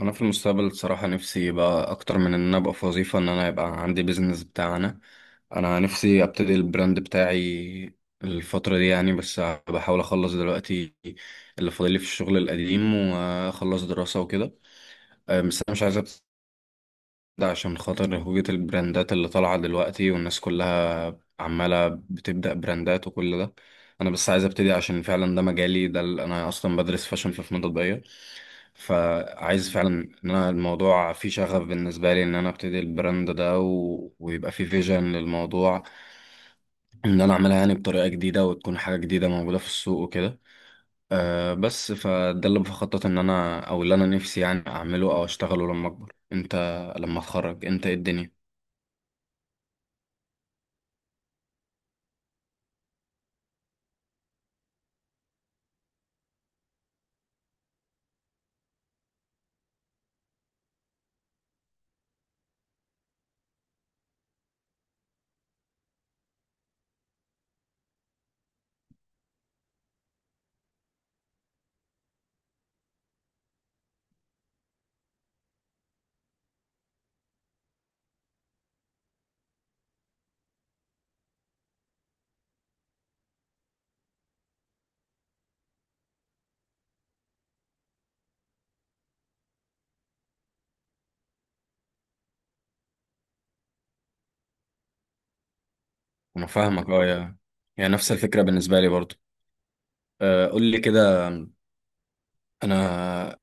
انا في المستقبل الصراحه نفسي بقى اكتر من ان انا ابقى في وظيفه ان انا يبقى عندي بيزنس بتاعنا. انا نفسي ابتدي البراند بتاعي الفتره دي يعني. بس بحاول اخلص دلوقتي اللي فاضل لي في الشغل القديم واخلص دراسه وكده. بس انا مش عايز ده عشان خاطر هوية البراندات اللي طالعة دلوقتي والناس كلها عمالة بتبدأ براندات وكل ده. أنا بس عايز أبتدي عشان فعلا ده مجالي، أنا أصلا بدرس فاشن في فنون تطبيقية. فعايز فعلا إن أنا الموضوع فيه شغف بالنسبة لي، إن أنا أبتدي البراند ده ويبقى فيه فيجن للموضوع، إن أنا أعملها يعني بطريقة جديدة وتكون حاجة جديدة موجودة في السوق وكده. بس فده اللي بخطط إن أنا أو اللي أنا نفسي يعني أعمله أو أشتغله لما أكبر، أنت لما أتخرج، أنت إيه الدنيا؟ انا فاهمك اه يا. يعني نفس الفكره بالنسبه لي برضو. قول لي كده. انا،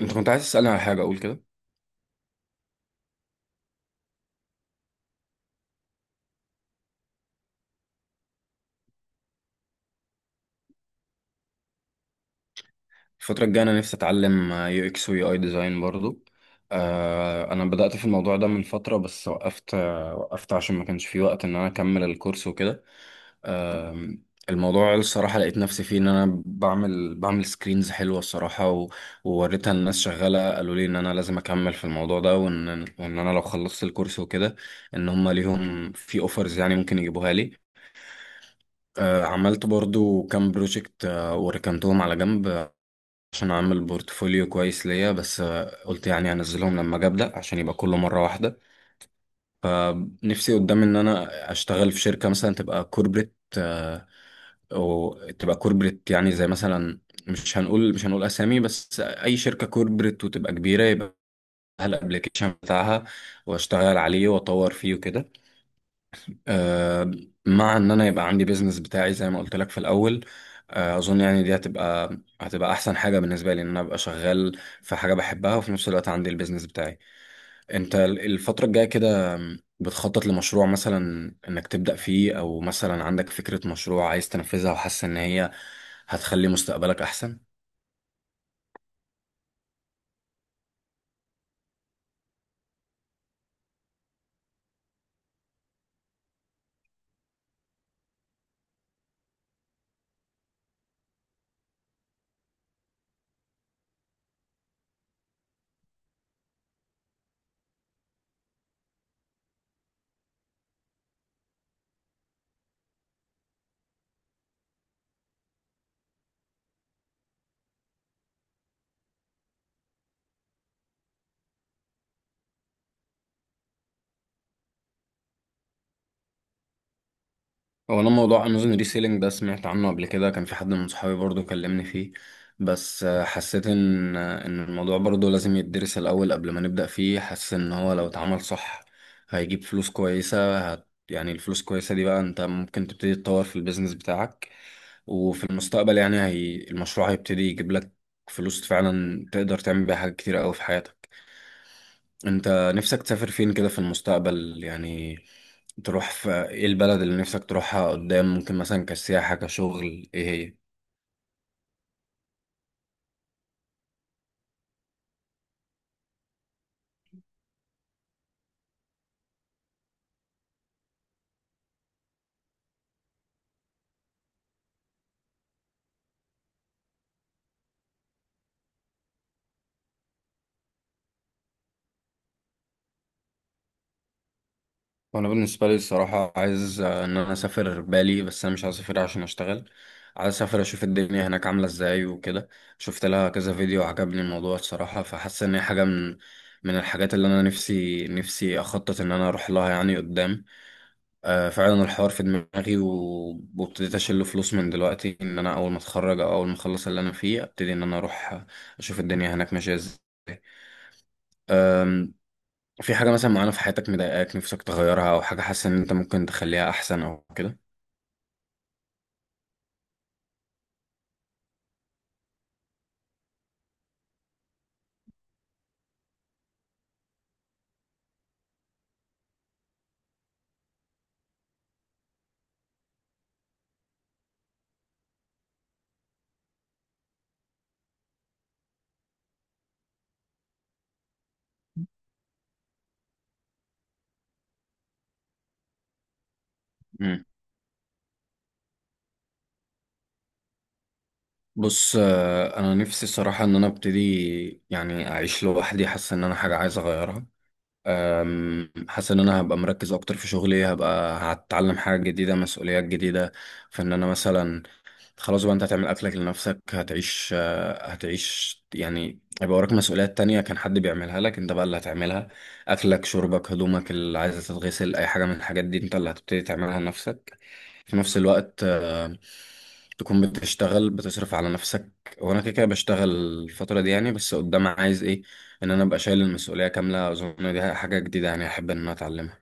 انت كنت عايز تسالني على حاجه اقول كده؟ الفتره الجايه انا نفسي اتعلم يو اكس ويو اي ديزاين برضو. انا بدات في الموضوع ده من فتره بس وقفت، وقفت عشان ما كانش في وقت ان انا اكمل الكورس وكده. آم، الموضوع الصراحة لقيت نفسي فيه، إن أنا بعمل سكرينز حلوة الصراحة ووريتها للناس شغالة قالوا لي إن أنا لازم أكمل في الموضوع ده، وإن، وإن أنا لو خلصت الكورس وكده إن هما ليهم في أوفرز يعني ممكن يجيبوها لي. عملت برضو كام بروجكت وركنتهم على جنب عشان أعمل بورتفوليو كويس ليا، بس قلت يعني أنزلهم لما أجي أبدأ عشان يبقى كله مرة واحدة. نفسي قدام إن أنا أشتغل في شركة مثلا تبقى كوربريت، وتبقى كوربريت يعني زي مثلا، مش هنقول اسامي، بس اي شركه كوربريت وتبقى كبيره يبقى لها الابلكيشن بتاعها واشتغل عليه واطور فيه وكده. آه، مع ان انا يبقى عندي بيزنس بتاعي زي ما قلت لك في الاول. اظن يعني دي هتبقى احسن حاجه بالنسبه لي، ان انا ابقى شغال في حاجه بحبها وفي نفس الوقت عندي البيزنس بتاعي. انت الفترة الجاية كده بتخطط لمشروع مثلا انك تبدأ فيه، او مثلا عندك فكرة مشروع عايز تنفذها وحاسس ان هي هتخلي مستقبلك احسن؟ هو انا موضوع امازون ريسيلينج ده سمعت عنه قبل كده، كان في حد من صحابي برضو كلمني فيه. بس حسيت ان، ان الموضوع برضو لازم يدرس الاول قبل ما نبدأ فيه. حاسس ان هو لو اتعمل صح هيجيب فلوس كويسة، يعني الفلوس كويسة دي بقى انت ممكن تبتدي تطور في البيزنس بتاعك، وفي المستقبل يعني المشروع هيبتدي يجيب لك فلوس فعلا تقدر تعمل بيها حاجات كتيرة قوي في حياتك. انت نفسك تسافر فين كده في المستقبل يعني؟ تروح في ايه البلد اللي نفسك تروحها قدام، ممكن مثلا كسياحة كشغل، ايه هي؟ وانا بالنسبة لي الصراحة عايز، ان انا اسافر بالي، بس انا مش عايز اسافر عشان اشتغل. عايز اسافر اشوف الدنيا هناك عاملة ازاي وكده. شفت لها كذا فيديو عجبني الموضوع الصراحة، فحاسس ان هي حاجة من من الحاجات اللي انا نفسي اخطط ان انا اروح لها يعني قدام. فعلا الحوار في دماغي، وابتديت اشيل فلوس من دلوقتي ان انا اول ما اتخرج او اول ما اخلص اللي انا فيه ابتدي ان انا اروح اشوف الدنيا هناك ماشيه ازاي. أم، في حاجه مثلا معينه في حياتك مضايقاك نفسك تغيرها، او حاجه حاسس ان انت ممكن تخليها احسن او كده؟ مم. بص، انا نفسي الصراحه ان انا ابتدي يعني اعيش لوحدي. حاسس ان انا حاجه عايز اغيرها. حاسس ان انا هبقى مركز اكتر في شغلي، هبقى هتعلم حاجه جديده، مسؤوليات جديده، في ان انا مثلا خلاص بقى انت هتعمل اكلك لنفسك، هتعيش، هتعيش يعني هيبقى وراك مسؤوليات تانية كان حد بيعملها لك، انت بقى اللي هتعملها. اكلك، شربك، هدومك اللي عايزة تتغسل، اي حاجة من الحاجات دي انت اللي هتبتدي تعملها لنفسك. في نفس الوقت تكون بتشتغل بتصرف على نفسك. وانا كده كده بشتغل الفترة دي يعني، بس قدام عايز ايه؟ ان انا ابقى شايل المسؤولية كاملة. اظن دي حاجة جديدة يعني احب ان انا اتعلمها.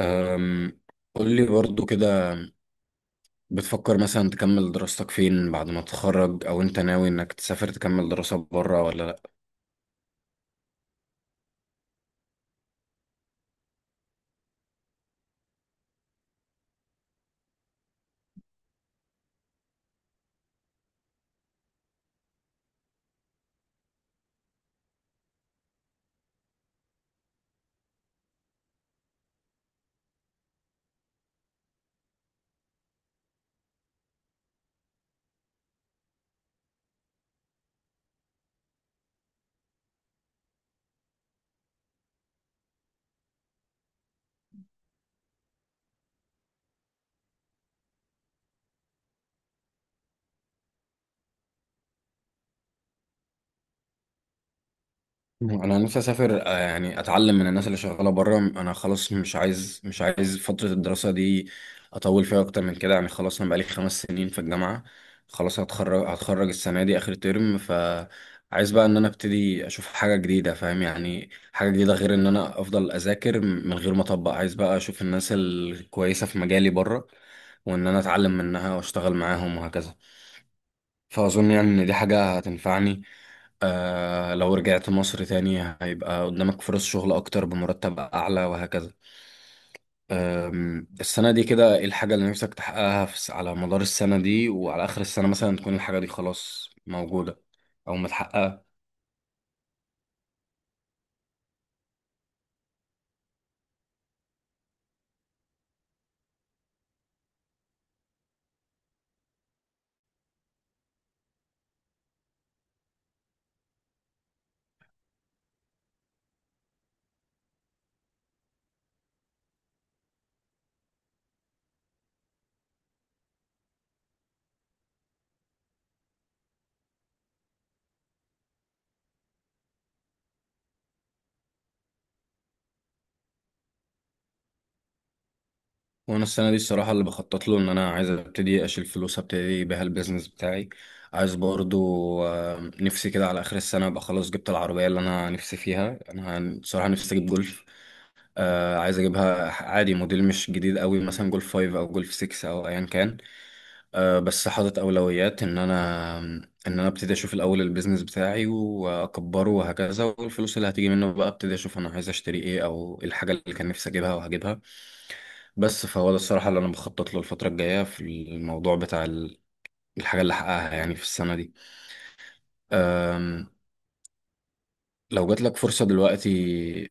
أم، قول لي برضو كده، بتفكر مثلا تكمل دراستك فين بعد ما تتخرج؟ او انت ناوي انك تسافر تكمل دراسة بره ولا؟ انا نفسي اسافر، يعني اتعلم من الناس اللي شغاله بره. انا خلاص مش عايز، مش عايز فتره الدراسه دي اطول فيها اكتر من كده. يعني خلاص انا بقالي 5 سنين في الجامعه، خلاص هتخرج، هتخرج السنه دي اخر ترم. فعايز بقى ان انا ابتدي اشوف حاجه جديده، فاهم؟ يعني حاجه جديده غير ان انا افضل اذاكر من غير ما اطبق. عايز بقى اشوف الناس الكويسه في مجالي بره، وان انا اتعلم منها واشتغل معاهم وهكذا. فاظن يعني ان دي حاجه هتنفعني. آه. لو رجعت مصر تاني هيبقى قدامك فرص شغل أكتر بمرتب أعلى وهكذا. السنة دي كده إيه الحاجة اللي نفسك تحققها في على مدار السنة دي، وعلى آخر السنة مثلا تكون الحاجة دي خلاص موجودة أو متحققة؟ وأنا السنة دي الصراحة اللي بخطط له إن أنا عايز أبتدي أشيل فلوس أبتدي بيها البيزنس بتاعي. عايز برضو، نفسي كده على آخر السنة أبقى خلاص جبت العربية اللي أنا نفسي فيها. أنا صراحة نفسي أجيب جولف. آه عايز اجيبها عادي موديل مش جديد قوي، مثلا جولف 5 او جولف 6 او ايا كان. آه بس حاطط اولويات ان انا ان انا ابتدي اشوف الاول البيزنس بتاعي واكبره وهكذا، والفلوس اللي هتيجي منه بقى ابتدي اشوف انا عايز اشتري ايه، او إيه الحاجه اللي كان نفسي اجيبها وهجيبها. بس فهو ده الصراحه اللي انا بخطط له الفتره الجايه في الموضوع بتاع الحاجه اللي احققها يعني في السنه دي. آم، لو جات لك فرصه دلوقتي،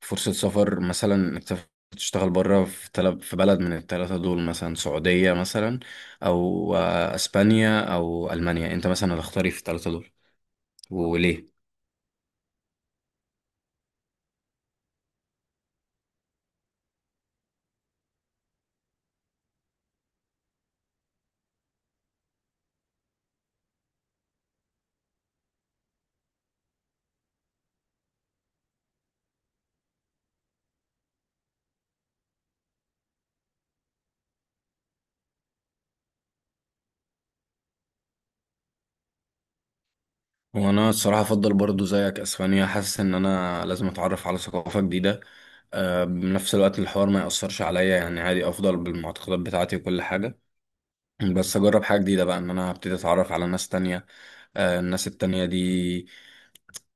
فرصة سفر مثلا انك تشتغل بره في في بلد من الثلاثة دول، مثلا سعودية مثلا أو أسبانيا أو ألمانيا، أنت مثلا هتختاري في الثلاثة دول؟ وليه؟ وأنا الصراحة أفضل برضو زيك أسبانيا. حاسس إن أنا لازم أتعرف على ثقافة جديدة، بنفس الوقت الحوار ما يأثرش عليا يعني. عادي أفضل بالمعتقدات بتاعتي وكل حاجة، بس أجرب حاجة جديدة بقى إن أنا هبتدي أتعرف على ناس تانية. الناس التانية دي،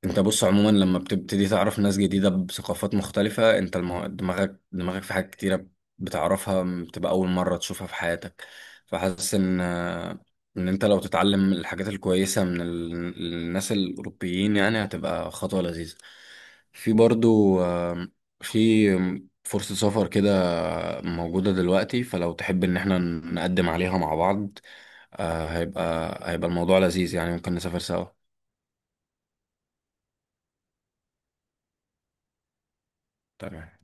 انت بص عموما لما بتبتدي تعرف ناس جديدة بثقافات مختلفة انت، دماغك، في حاجات كتيرة بتعرفها بتبقى أول مرة تشوفها في حياتك. فحاسس ان ان انت لو تتعلم الحاجات الكويسة من الناس الأوروبيين يعني هتبقى خطوة لذيذة. في برضو، في فرصة سفر كده موجودة دلوقتي، فلو تحب ان احنا نقدم عليها مع بعض هيبقى، هيبقى الموضوع لذيذ يعني، ممكن نسافر سوا. تمام.